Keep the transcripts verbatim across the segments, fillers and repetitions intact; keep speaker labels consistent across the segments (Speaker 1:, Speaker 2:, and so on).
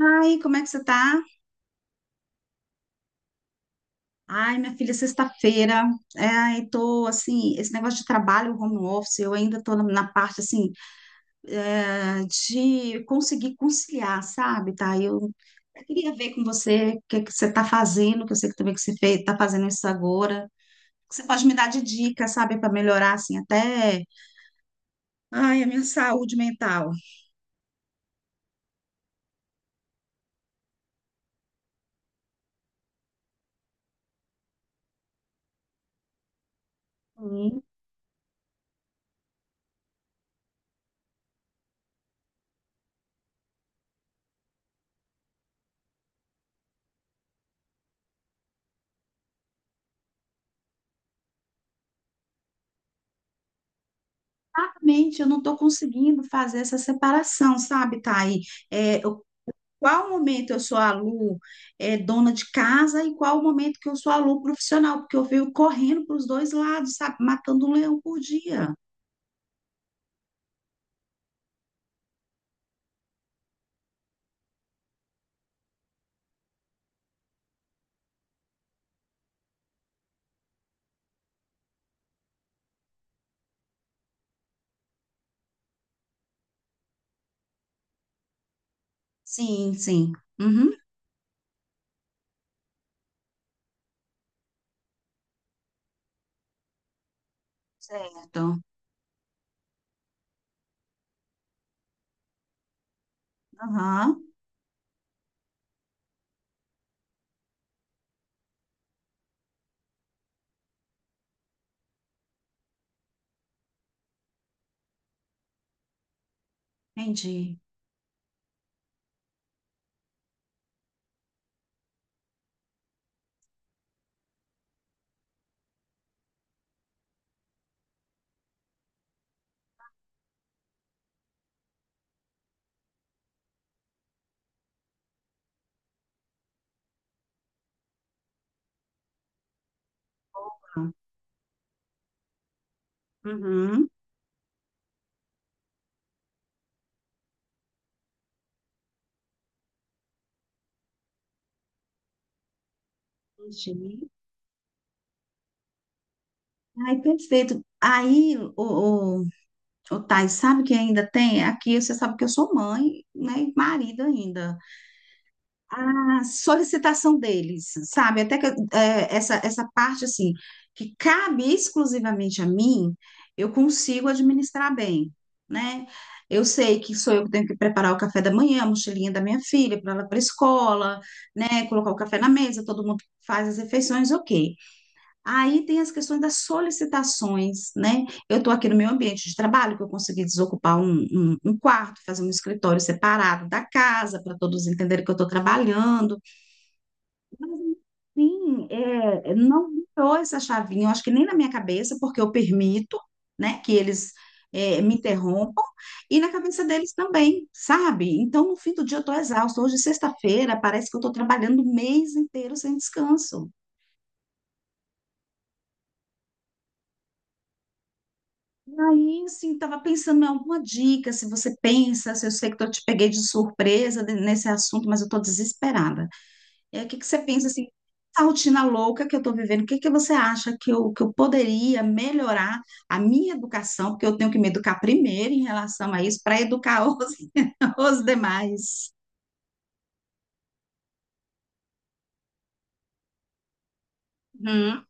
Speaker 1: Ai, como é que você tá? Ai, minha filha, sexta-feira. É, ai, tô assim, esse negócio de trabalho, home office, eu ainda tô na na parte assim ah, de conseguir conciliar, sabe? Tá? Eu eu queria ver com você o que é que você tá fazendo, que eu sei que também que você fez, tá fazendo isso agora. Você pode me dar de dicas, sabe, para melhorar assim até, ai, a minha saúde mental. Hum. Exatamente, eu não estou conseguindo fazer essa separação, sabe, Thay? Qual momento eu sou a Lu, é, dona de casa e qual o momento que eu sou a Lu profissional? Porque eu venho correndo para os dois lados, sabe? Matando um leão por dia. Sim, sim. Uhum. Certo. Aham. Entendi. Uhum. Entendi. Ai, perfeito. Aí, o, o, o Thais, sabe que ainda tem? Aqui você sabe que eu sou mãe, né? E marido ainda. A solicitação deles, sabe? Até que é, essa, essa parte, assim, que cabe exclusivamente a mim, eu consigo administrar bem, né? Eu sei que sou eu que tenho que preparar o café da manhã, a mochilinha da minha filha, para ela para a escola, né? Colocar o café na mesa, todo mundo faz as refeições, ok. Aí tem as questões das solicitações, né? Eu estou aqui no meu ambiente de trabalho, que eu consegui desocupar um, um, um quarto, fazer um escritório separado da casa, para todos entenderem que eu estou trabalhando. Mas, sim, é, é, não virou essa chavinha, eu acho que nem na minha cabeça, porque eu permito, né, que eles é, me interrompam, e na cabeça deles também, sabe? Então, no fim do dia, eu estou exausta. Hoje, sexta-feira, parece que eu estou trabalhando o mês inteiro sem descanso. E aí, assim, estava pensando em alguma dica, se você pensa, se eu sei que eu te peguei de surpresa de- nesse assunto, mas eu estou desesperada. E aí, o que que você pensa assim, essa rotina louca que eu estou vivendo, o que que você acha que eu, que eu poderia melhorar a minha educação, porque eu tenho que me educar primeiro em relação a isso, para educar os, os demais. Uhum,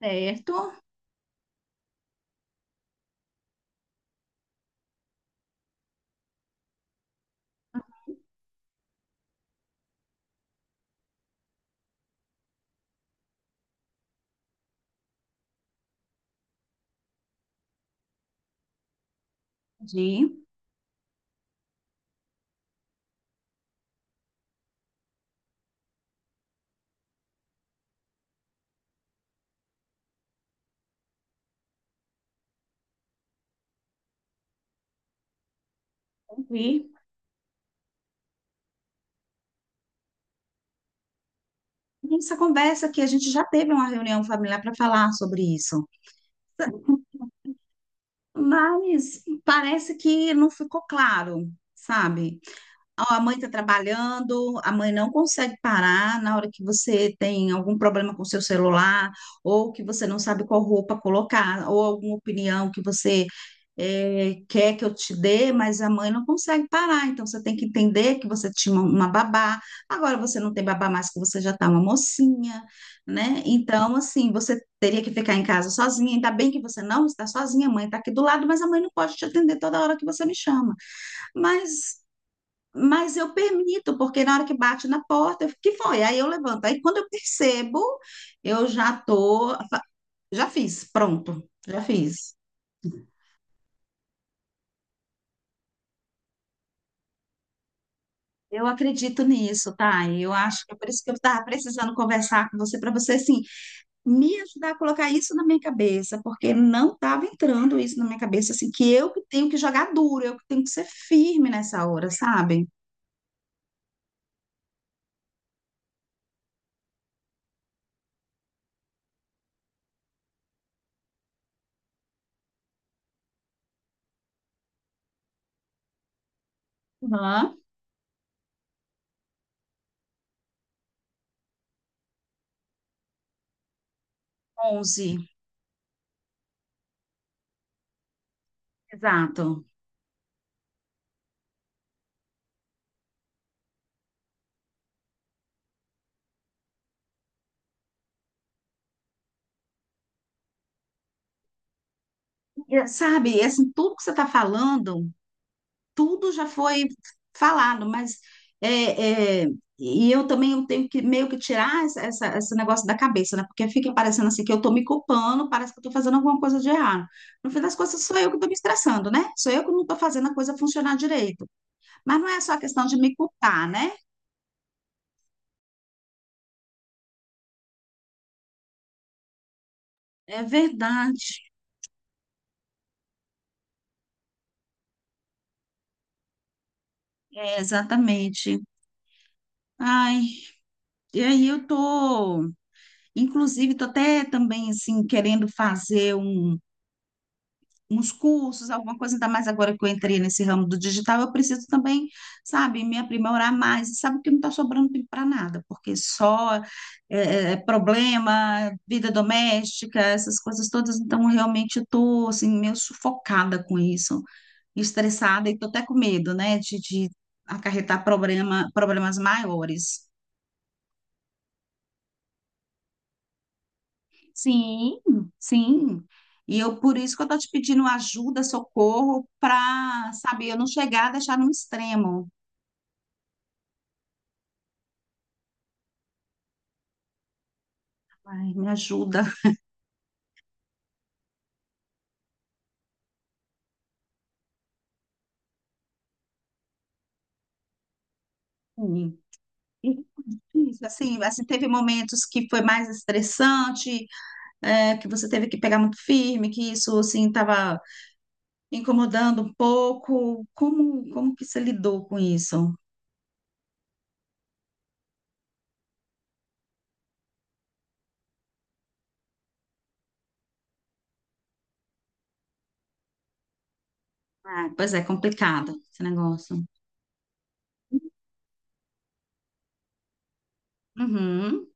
Speaker 1: certo? De ouvir. Essa conversa aqui, a gente já teve uma reunião familiar para falar sobre isso, mas parece que não ficou claro, sabe? Ó, a mãe está trabalhando, a mãe não consegue parar na hora que você tem algum problema com o seu celular, ou que você não sabe qual roupa colocar, ou alguma opinião que você eh, quer que eu te dê, mas a mãe não consegue parar. Então você tem que entender que você tinha uma babá, agora você não tem babá mais, que você já está uma mocinha, né? Então, assim, você teria que ficar em casa sozinha. Ainda bem que você não está sozinha, a mãe está aqui do lado, mas a mãe não pode te atender toda hora que você me chama. Mas. Mas eu permito, porque na hora que bate na porta, eu fico, que foi? Aí eu levanto. Aí quando eu percebo, eu já tô, já fiz, pronto, já fiz. Eu acredito nisso, tá? E eu acho que é por isso que eu estava precisando conversar com você, para você, assim, me ajudar a colocar isso na minha cabeça, porque não estava entrando isso na minha cabeça, assim, que eu que tenho que jogar duro, eu que tenho que ser firme nessa hora, sabe? Aham, onze, exato. E, sabe, assim, tudo que você está falando. Tudo já foi falado, mas é, é, e eu também eu tenho que meio que tirar essa, essa- esse negócio da cabeça, né? Porque fica parecendo assim que eu estou me culpando, parece que eu tô fazendo alguma coisa de errado. No fim das contas, sou eu que estou me estressando, né? Sou eu que não estou fazendo a coisa funcionar direito. Mas não é só questão de me culpar, né? É verdade, é exatamente. Ai, e aí eu tô, inclusive, tô até também assim querendo fazer um uns cursos, alguma coisa, ainda mais agora que eu entrei nesse ramo do digital, eu preciso também, sabe, me aprimorar mais. E sabe que não está sobrando tempo para nada, porque só é, é, é problema, vida doméstica, essas coisas todas. Então, realmente, eu estou assim, meio sufocada com isso, estressada e estou até com medo, né, de, de acarretar problema, problemas maiores. Sim, sim. E eu por isso que eu estou te pedindo ajuda, socorro, para saber, eu não chegar a deixar num extremo. Ai, me ajuda. Sim. E foi difícil. Assim, assim, teve momentos que foi mais estressante, é, que você teve que pegar muito firme, que isso assim estava incomodando um pouco. Como, como que você lidou com isso? Ah, pois é, complicado esse negócio. Uhum.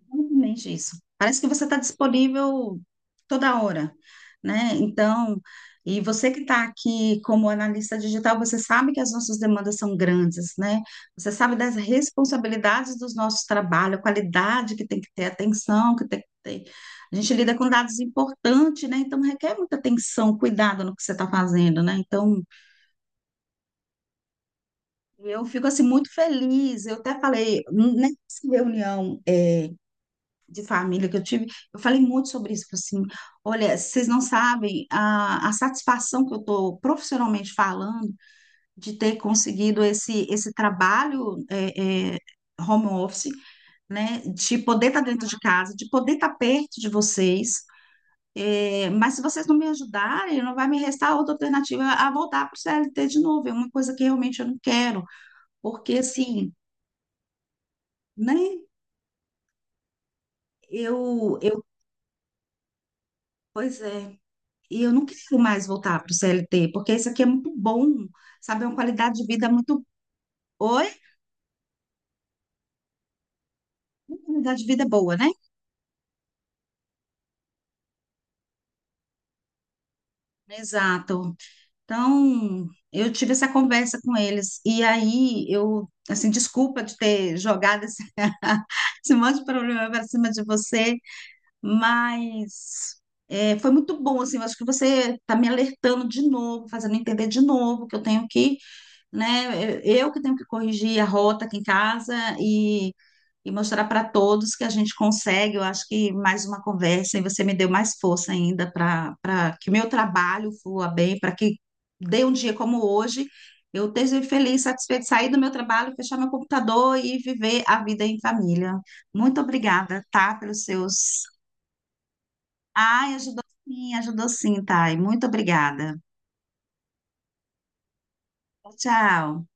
Speaker 1: Exatamente isso. Parece que você está disponível toda hora, né? Então, e você que está aqui como analista digital, você sabe que as nossas demandas são grandes, né? Você sabe das responsabilidades dos nossos trabalhos, a qualidade que tem que ter, atenção que tem que ter. A gente lida com dados importantes, né? Então, requer muita atenção, cuidado no que você está fazendo, né? Então, eu fico assim muito feliz. Eu até falei, né, nessa reunião. É, de família que eu tive, eu falei muito sobre isso, falei assim, olha, vocês não sabem a, a satisfação que eu estou profissionalmente falando de ter conseguido esse, esse trabalho é, é, home office, né, de poder estar dentro de casa, de poder estar perto de vocês. É, mas se vocês não me ajudarem, não vai me restar outra alternativa a voltar para o C L T de novo, é uma coisa que realmente eu não quero, porque assim, né, eu, eu, pois é. E eu não quero mais voltar para o C L T, porque isso aqui é muito bom, sabe? É uma qualidade de vida muito. Oi? Uma qualidade de vida boa, né? Exato. Então, eu tive essa conversa com eles. E aí, eu, assim, desculpa de ter jogado esse, esse monte de problema para cima de você, mas. É, foi muito bom, assim, eu acho que você está me alertando de novo, fazendo entender de novo que eu tenho que né? Eu que tenho que corrigir a rota aqui em casa e, e mostrar para todos que a gente consegue. Eu acho que mais uma conversa e você me deu mais força ainda para para que meu trabalho flua bem, para que dê um dia como hoje. Eu esteja feliz, satisfeito, sair do meu trabalho, fechar meu computador e viver a vida em família. Muito obrigada, tá? Pelos seus. Ai, ajudou sim, ajudou sim, Thay. Muito obrigada. Tchau.